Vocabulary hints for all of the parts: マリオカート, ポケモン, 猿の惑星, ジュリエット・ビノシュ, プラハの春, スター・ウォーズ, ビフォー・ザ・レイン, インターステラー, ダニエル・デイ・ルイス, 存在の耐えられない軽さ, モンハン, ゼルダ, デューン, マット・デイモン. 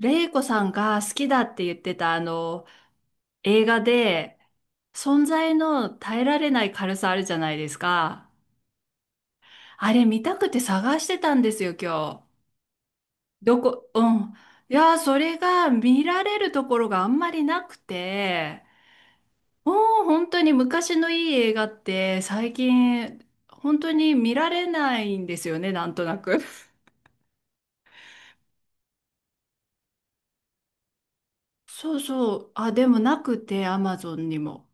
レイコさんが好きだって言ってた映画で存在の耐えられない軽さあるじゃないですか。あれ見たくて探してたんですよ、今日。どこ、うん。いやー、それが見られるところがあんまりなくて、もう本当に昔のいい映画って最近本当に見られないんですよね、なんとなく。そうそう。あ、でもなくて、アマゾンにも。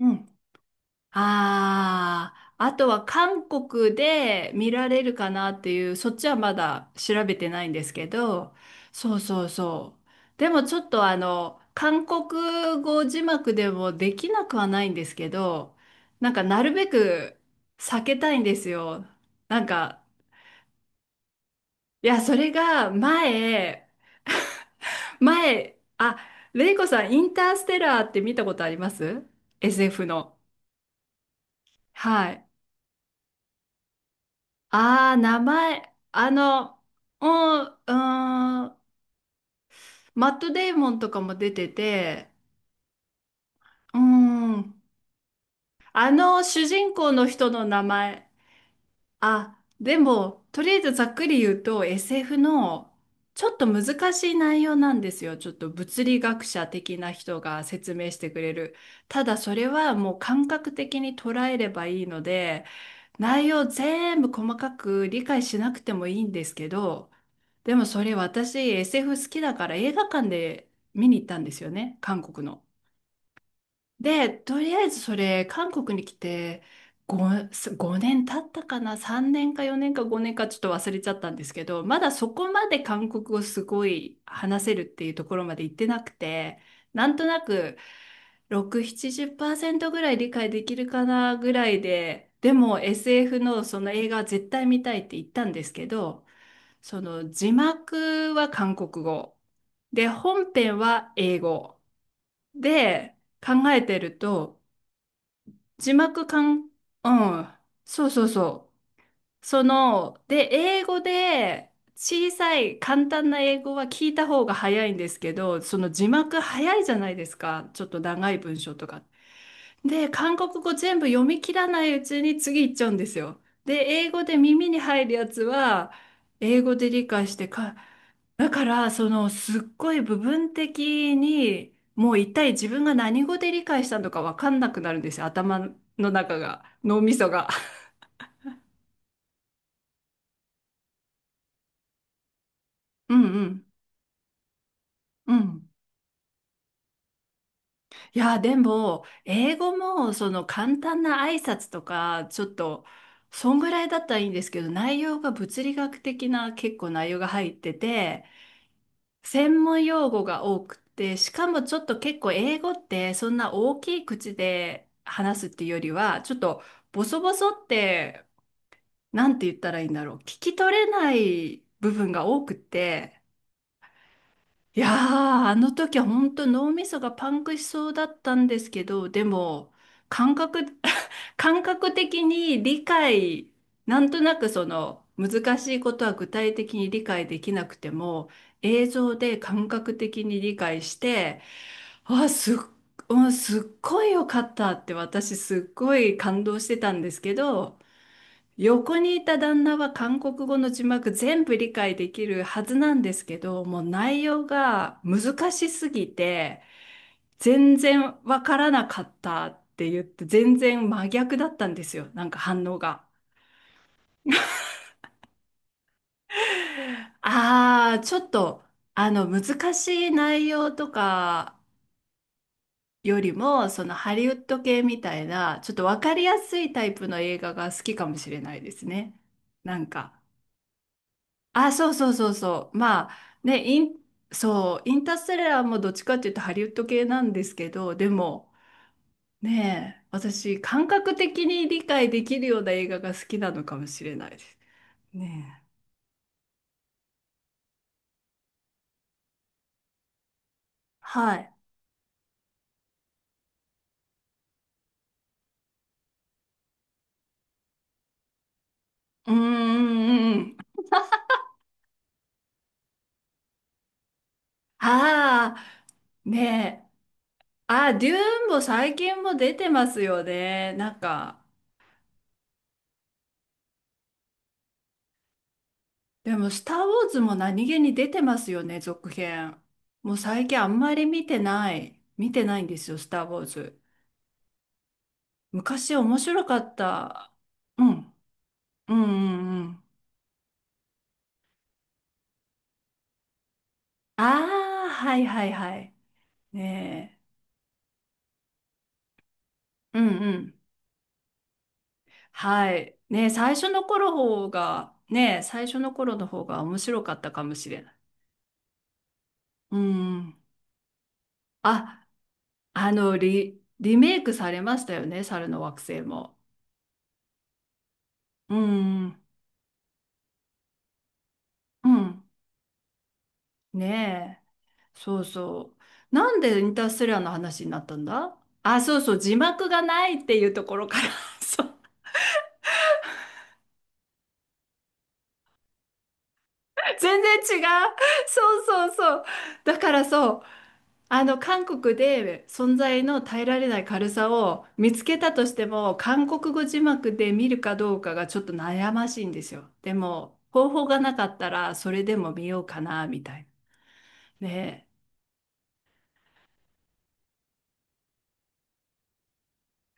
うんああ、あとは韓国で見られるかなっていう、そっちはまだ調べてないんですけど、そうそうそう。でもちょっと韓国語字幕でもできなくはないんですけど、なんかなるべく避けたいんですよ。なんか、いや、それが前、前、あ、レイコさん、インターステラーって見たことあります？ SF の。はい。ああ、名前、あの、うん、うん、マット・デイモンとかも出てて、うん、あの主人公の人の名前、あ、でも、とりあえずざっくり言うと SF の、ちょっと難しい内容なんですよ。ちょっと物理学者的な人が説明してくれる。ただそれはもう感覚的に捉えればいいので、内容全部細かく理解しなくてもいいんですけど、でもそれ私 SF 好きだから映画館で見に行ったんですよね、韓国の。で、とりあえずそれ、韓国に来て5、5年経ったかな、3年か4年か5年かちょっと忘れちゃったんですけど、まだそこまで韓国語すごい話せるっていうところまで行ってなくて、なんとなく6、70%ぐらい理解できるかなぐらいで、でも SF のその映画は絶対見たいって言ったんですけど、その字幕は韓国語。で、本編は英語。で、考えてると、字幕かん、うん。そうそうそう。英語で、小さい簡単な英語は聞いた方が早いんですけど、その字幕早いじゃないですか。ちょっと長い文章とか。で、韓国語全部読み切らないうちに次行っちゃうんですよ。で、英語で耳に入るやつは、英語で理解してか、だから、すっごい部分的に、もう一体自分が何語で理解したのかわかんなくなるんですよ、頭の中が、脳みそが。うんうん。うん。いや、でも、英語も、簡単な挨拶とか、ちょっと、そんぐらいだったらいいんですけど、内容が物理学的な結構内容が入ってて、専門用語が多くて、しかもちょっと結構英語ってそんな大きい口で話すっていうよりは、ちょっとボソボソって、なんて言ったらいいんだろう。聞き取れない部分が多くて、いやー、あの時は本当脳みそがパンクしそうだったんですけど、でも、感覚、感覚的になんとなくその難しいことは具体的に理解できなくても、映像で感覚的に理解して、あ、すっ、うんすっごい良かったって私すっごい感動してたんですけど、横にいた旦那は韓国語の字幕全部理解できるはずなんですけど、もう内容が難しすぎて、全然わからなかったって言って、全然真逆だったんですよ。なんか反応が。ああ、ちょっと、あの、難しい内容とかよりも、そのハリウッド系みたいな、ちょっとわかりやすいタイプの映画が好きかもしれないですね。なんか。あ、そうそうそうそう。そう、インターステラーもどっちかっていうとハリウッド系なんですけど、でも、ねえ、私、感覚的に理解できるような映画が好きなのかもしれないです。ねえ。はい。うーん、うんうん。ああ、ねえ。ああ、デューンも最近も出てますよね。なんか、でも、スター・ウォーズも何気に出てますよね、続編。もう最近あんまり見てない。見てないんですよ、スター・ウォーズ。昔面白かった。うん。うんうんうん。ああ、はいはいはい。ねえ。うんうん。はい。ねえ、最初の頃方が、ねえ、最初の頃の方が面白かったかもしれない。うんうん。あ、リメイクされましたよね、猿の惑星も。うんうん。うん。ねえ。そうそう。なんでインターステラーの話になったんだ。あ、そうそう、字幕がないっていうところから そう 全然違う。そうそうそう。だからそう、あの、韓国で存在の耐えられない軽さを見つけたとしても、韓国語字幕で見るかどうかがちょっと悩ましいんですよ。でも、方法がなかったら、それでも見ようかな、みたいな。ねえ。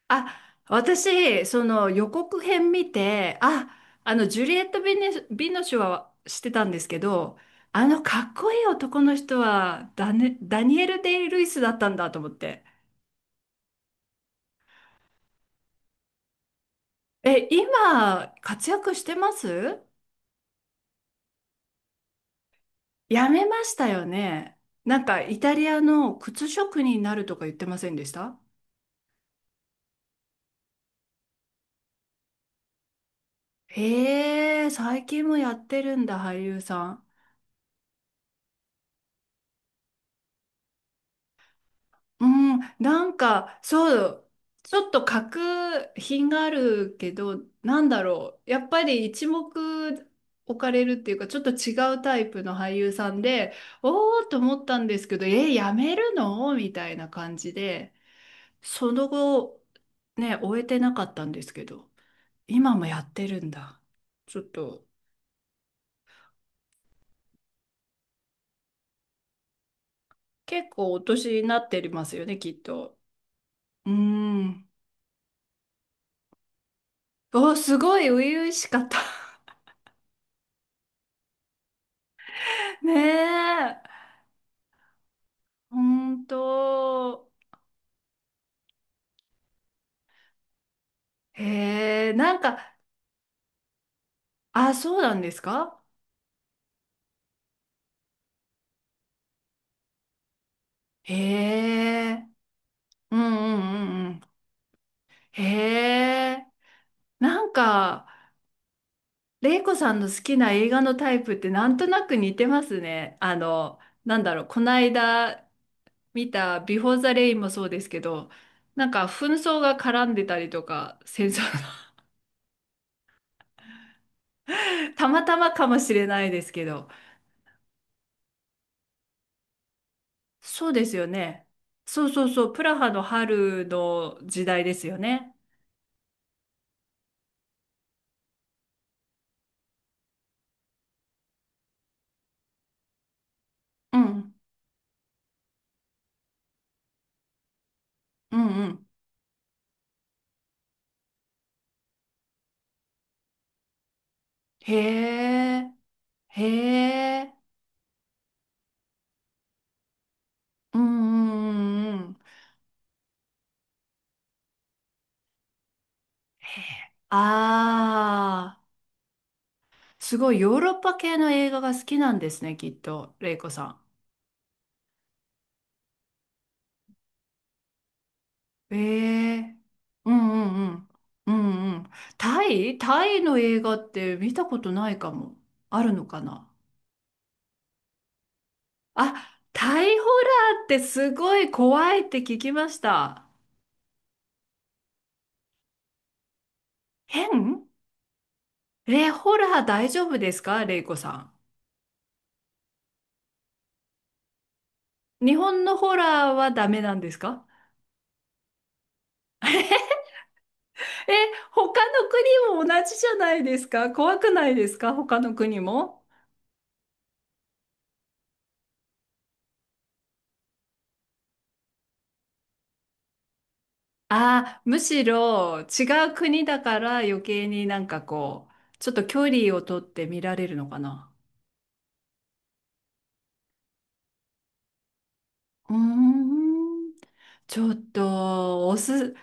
あ、私、その予告編見て、ジュリエット・ビネ、ビノシュは知ってたんですけど、あのかっこいい男の人はダニエル・デイ・ルイスだったんだと思って。え、今、活躍してます？やめましたよね。なんか、イタリアの靴職人になるとか言ってませんでした？へえ、最近もやってるんだ、俳優さん。うん、なんか、そう、ちょっと格品があるけど、なんだろう。やっぱり一目置かれるっていうか、ちょっと違うタイプの俳優さんで、おーっと思ったんですけど、え、やめるのみたいな感じで。その後、ね、終えてなかったんですけど、今もやってるんだ。ちょっと、結構お年になってますよね、きっと。うーん。お、すごい初々しかった。ねえ。ほんと。へえ、なんか、あ、そうなんですか？へえ。うんうんうんうん。へえ。なんか、玲子さんの好きな映画のタイプってなんとなく似てますね。あの、なんだろう、この間見たビフォーザレインもそうですけど、なんか紛争が絡んでたりとか、戦争の たまたまかもしれないですけど、そうですよね。そうそうそう、プラハの春の時代ですよね。うん、うんうん。へえ、へえ、うんうんうんうん。へえ、ああ、すごいヨーロッパ系の映画が好きなんですね、きっと、レイコさん。ええうんうんうん。うんうん。タイタイの映画って見たことないかも。あるのかな？あ、タイホラーってすごい怖いって聞きました。変え、ホラー大丈夫ですかレイコさん。日本のホラーはダメなんですか？え、他の国も同じじゃないですか怖くないですか他の国も。ああ、むしろ違う国だから余計になんかこう、ちょっと距離をとって見られるのかな。うーん、ちょっと、おす、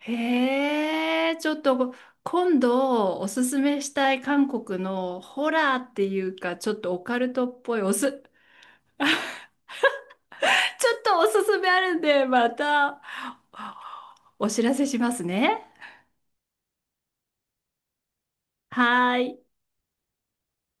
へえ、ちょっと、今度おすすめしたい韓国のホラーっていうか、ちょっとオカルトっぽいおす、ちょっとおすすめあるんで、またお知らせしますね。はーい。